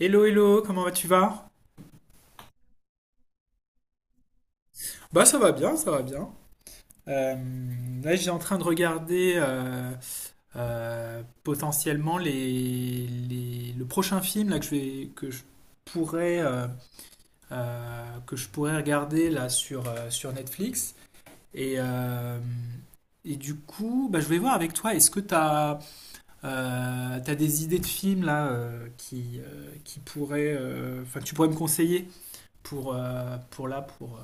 Hello, hello, comment vas tu vas? Bah ça va bien, ça va bien. J'ai en train de regarder potentiellement le prochain film là, pourrais, euh, que je pourrais regarder là sur Netflix. Et, euh, et du coup, bah, je vais voir avec toi, est-ce que tu as des idées de films là qui pourraient, que tu pourrais me conseiller pour là, pour... euh,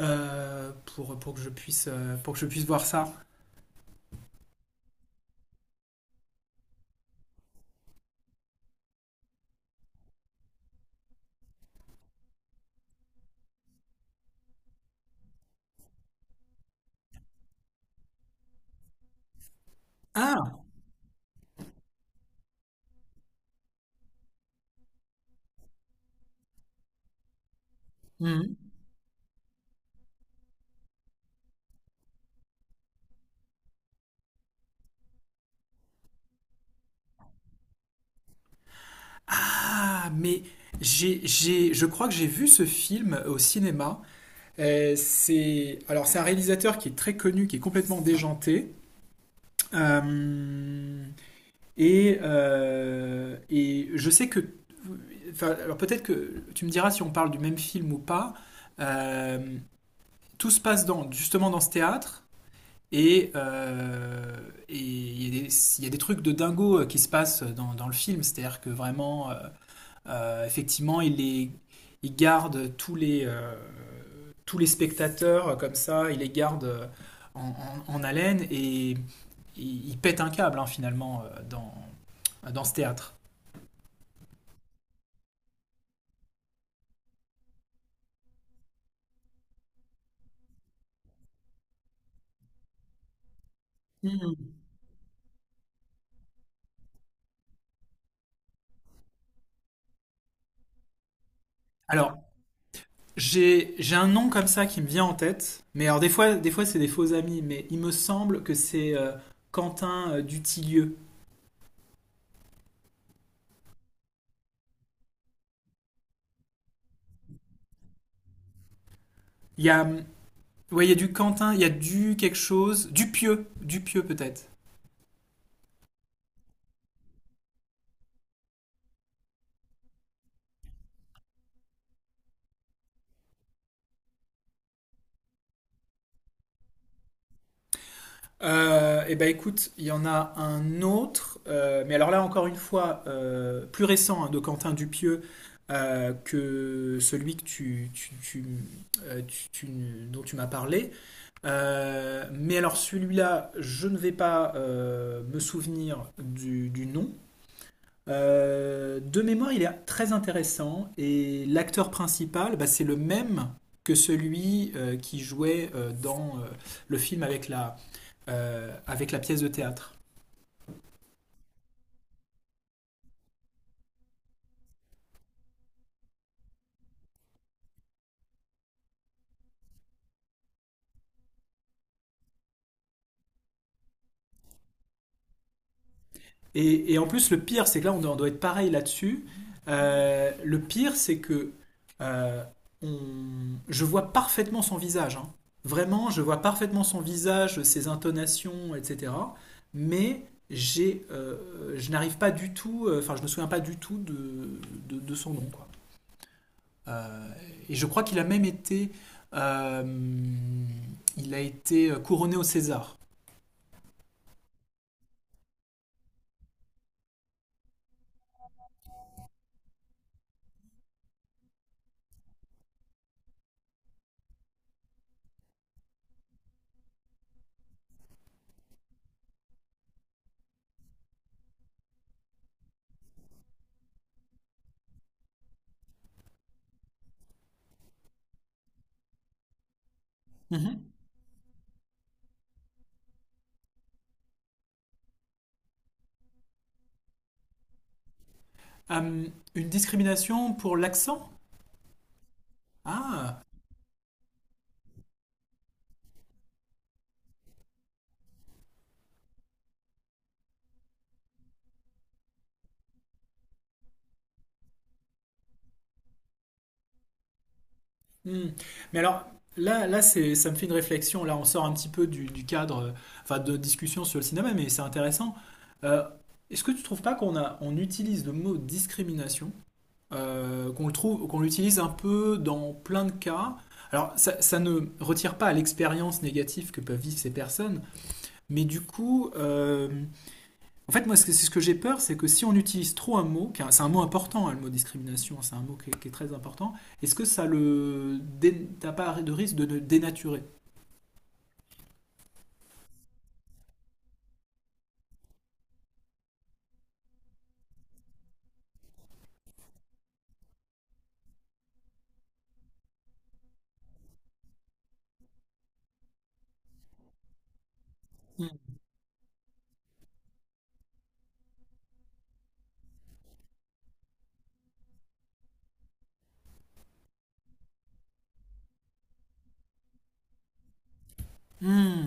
euh, pour que je puisse, pour que je puisse voir ça. Ah! Mhm. Ah, mais je crois que j'ai vu ce film au cinéma. C'est un réalisateur qui est très connu, qui est complètement déjanté. Euh, et je sais que, alors peut-être que tu me diras si on parle du même film ou pas. Euh, tout se justement dans ce théâtre. Et euh, et il y, a des- il y a des trucs de dingo qui se dans le film, c'est-à-dire que vraiment, effectivement, il garde tous les spectateurs comme ça, il les garde en, en haleine et il pète un câble hein, finalement dans ce théâtre. Hmm. Alors, j'ai un nom comme ça qui me vient en tête, mais alors des fois c'est des faux amis, mais il me semble que c'est Quentin Dutilleux. Il y a, Ouais, il y a du Quentin, il y a du quelque chose, du pieux peut-être. Et ben écoute, il y en a un autre, mais alors là encore une fois, plus récent hein, de Quentin Dupieux que celui que euh, tu- tu- dont tu m'as parlé. Mais alors celui-là, je ne vais pas me souvenir du nom. De mémoire, il est très intéressant et l'acteur principal, bah, c'est le même que celui qui jouait dans le film avec avec la pièce de théâtre. Et en plus, le pire, c'est que là, on doit être pareil là-dessus. Le pire, c'est que euh, je vois parfaitement son visage, hein. Vraiment, je vois parfaitement son visage, ses intonations, etc. Mais je n'arrive pas du tout, je me souviens pas du tout de son nom, quoi. Euh, et je crois qu'il a même euh, il a été couronné au César. Mhm. Euh, une discrimination pour l'accent? Ah. Hmm. Mais alors, ça me fait une réflexion. Là, on sort un petit peu du cadre, enfin, de discussion sur le cinéma, mais c'est intéressant. Euh, est-ce que tu trouves pas on utilise le mot discrimination, qu'on l'utilise un peu dans plein de cas? Alors, ça ne retire pas à l'expérience négative que peuvent vivre ces personnes, mais du coup, en fait, moi, c'est ce que j'ai peur, c'est que si on utilise trop un mot, car c'est un mot important, hein, le mot discrimination, c'est un mot qui est très important, est-ce que t'as pas de risque de le dénaturer? Mm. Hmm.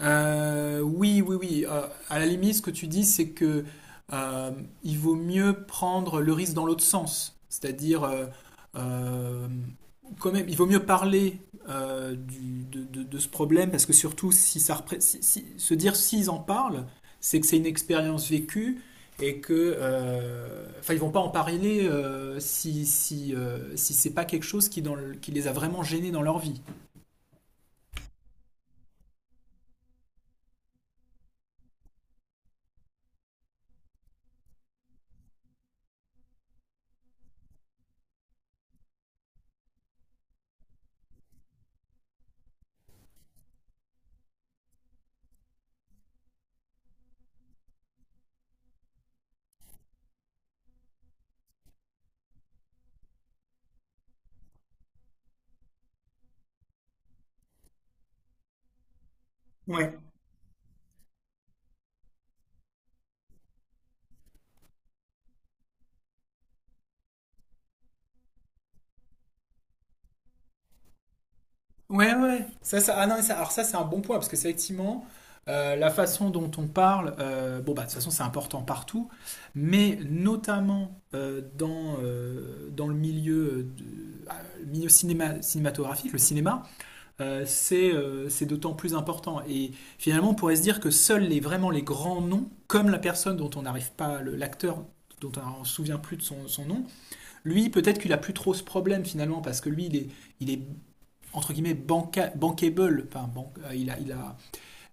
Oui, oui, oui. À la limite, ce que tu dis, c'est que euh, il vaut mieux prendre le risque dans l'autre sens. C'est-à-dire, euh, quand même, il vaut mieux parler de ce problème parce que surtout, si se dire s'ils en parlent, c'est que c'est une expérience vécue et que, ils vont pas en parler si c'est pas quelque chose qui les a vraiment gênés dans leur vie. Ouais. Ouais, ouais, ouais. Ah non, alors ça, c'est un bon point, parce que c'est effectivement la façon dont on parle. Euh, bon, bah, de toute façon, c'est important partout, mais notamment dans le milieu, le milieu cinéma, cinématographique, le cinéma, c'est d'autant plus important. Et finalement, on pourrait se dire que seuls vraiment les grands noms, comme la personne dont on n'arrive pas, l'acteur dont on ne se souvient plus de son nom, lui, peut-être qu'il a plus trop ce problème finalement, parce que lui, il est entre guillemets banca bankable.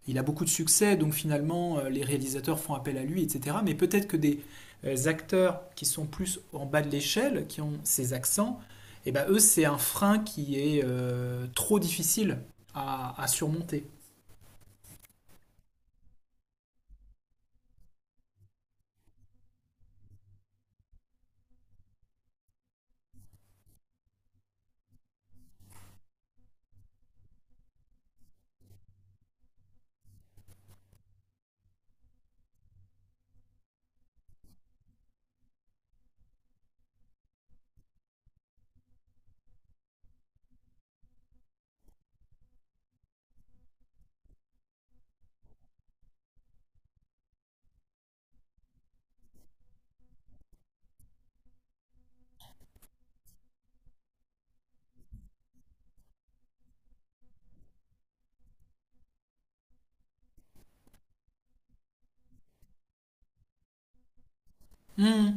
Il a beaucoup de succès, donc finalement les réalisateurs font appel à lui, etc. Mais peut-être que des acteurs qui sont plus en bas de l'échelle, qui ont ces accents, et ben eux c'est un frein qui est trop difficile à surmonter. Hmm.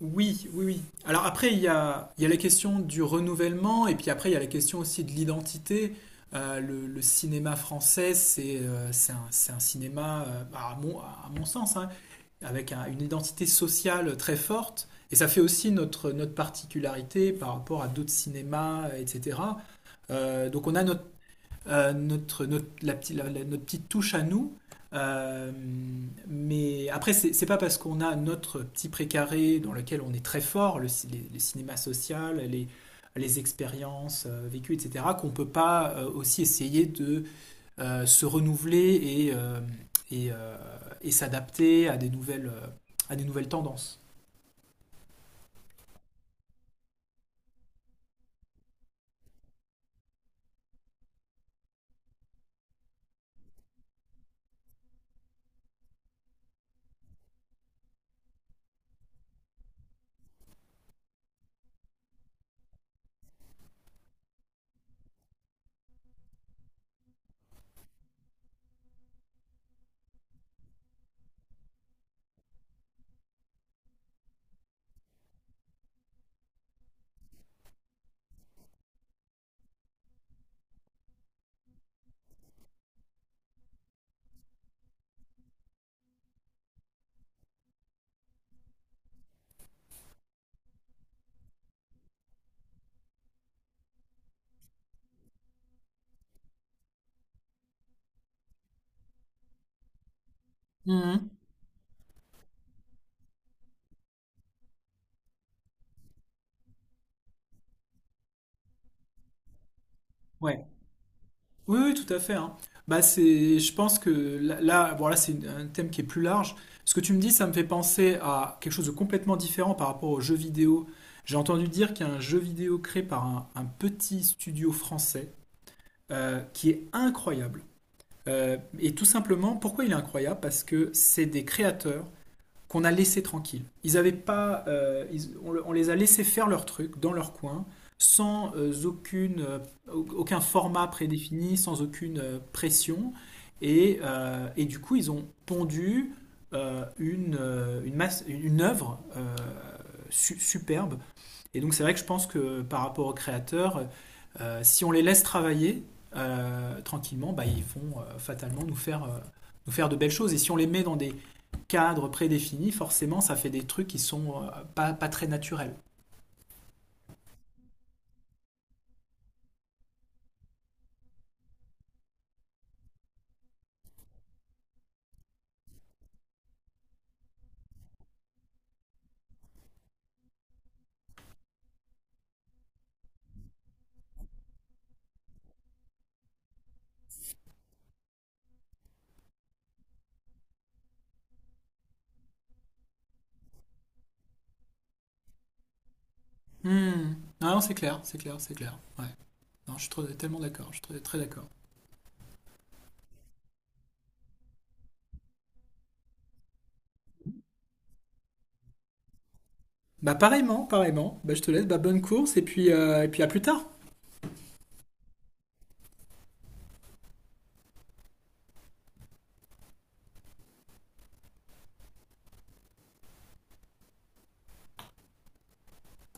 Oui, oui, oui. Alors après, il y a la question du renouvellement, et puis après, il y a la question aussi de l'identité. Le cinéma français, c'est un cinéma, à mon sens, hein, avec une identité sociale très forte. Et ça fait aussi notre particularité par rapport à d'autres cinémas, etc. Donc on a notre notre, notre, la, petite- la- la- notre petite touche à nous. Euh, mais après, c'est pas parce qu'on a notre petit précaré dans lequel on est très fort, le cinéma social, les expériences vécues, etc., qu'on peut pas aussi essayer de se renouveler et, euh, et, euh, et s'adapter à des nouvelles tendances. Mhm. Ouais. Oui, oui, tout à fait, hein. Bah, je pense que là, bon, là, c'est un thème qui est plus large. Ce que tu me dis, ça me fait penser à quelque chose de complètement différent par rapport aux jeux vidéo. J'ai entendu dire qu'il y a un jeu vidéo créé par un petit studio français qui est incroyable. Et tout simplement, pourquoi il est incroyable? Parce que c'est des créateurs qu'on a laissé tranquilles. Ils avaient pas, ils- on les a laissés faire leur truc dans leur coin, sans aucun format prédéfini, sans aucune pression. Et, du coup, ils ont pondu une œuvre superbe, et donc c'est vrai que je pense que par rapport aux créateurs, si on les laisse travailler tranquillement, bah, ils vont fatalement nous nous faire de belles choses. Et si on les met dans des cadres prédéfinis, forcément ça fait des trucs qui sont pas très naturels. Hmm. Non, non, c'est clair, c'est clair, c'est clair. Ouais. Non, tellement d'accord, je suis très, très d'accord. Bah pareillement, pareillement. Bah, je te laisse, bah, bonne course et puis à plus tard.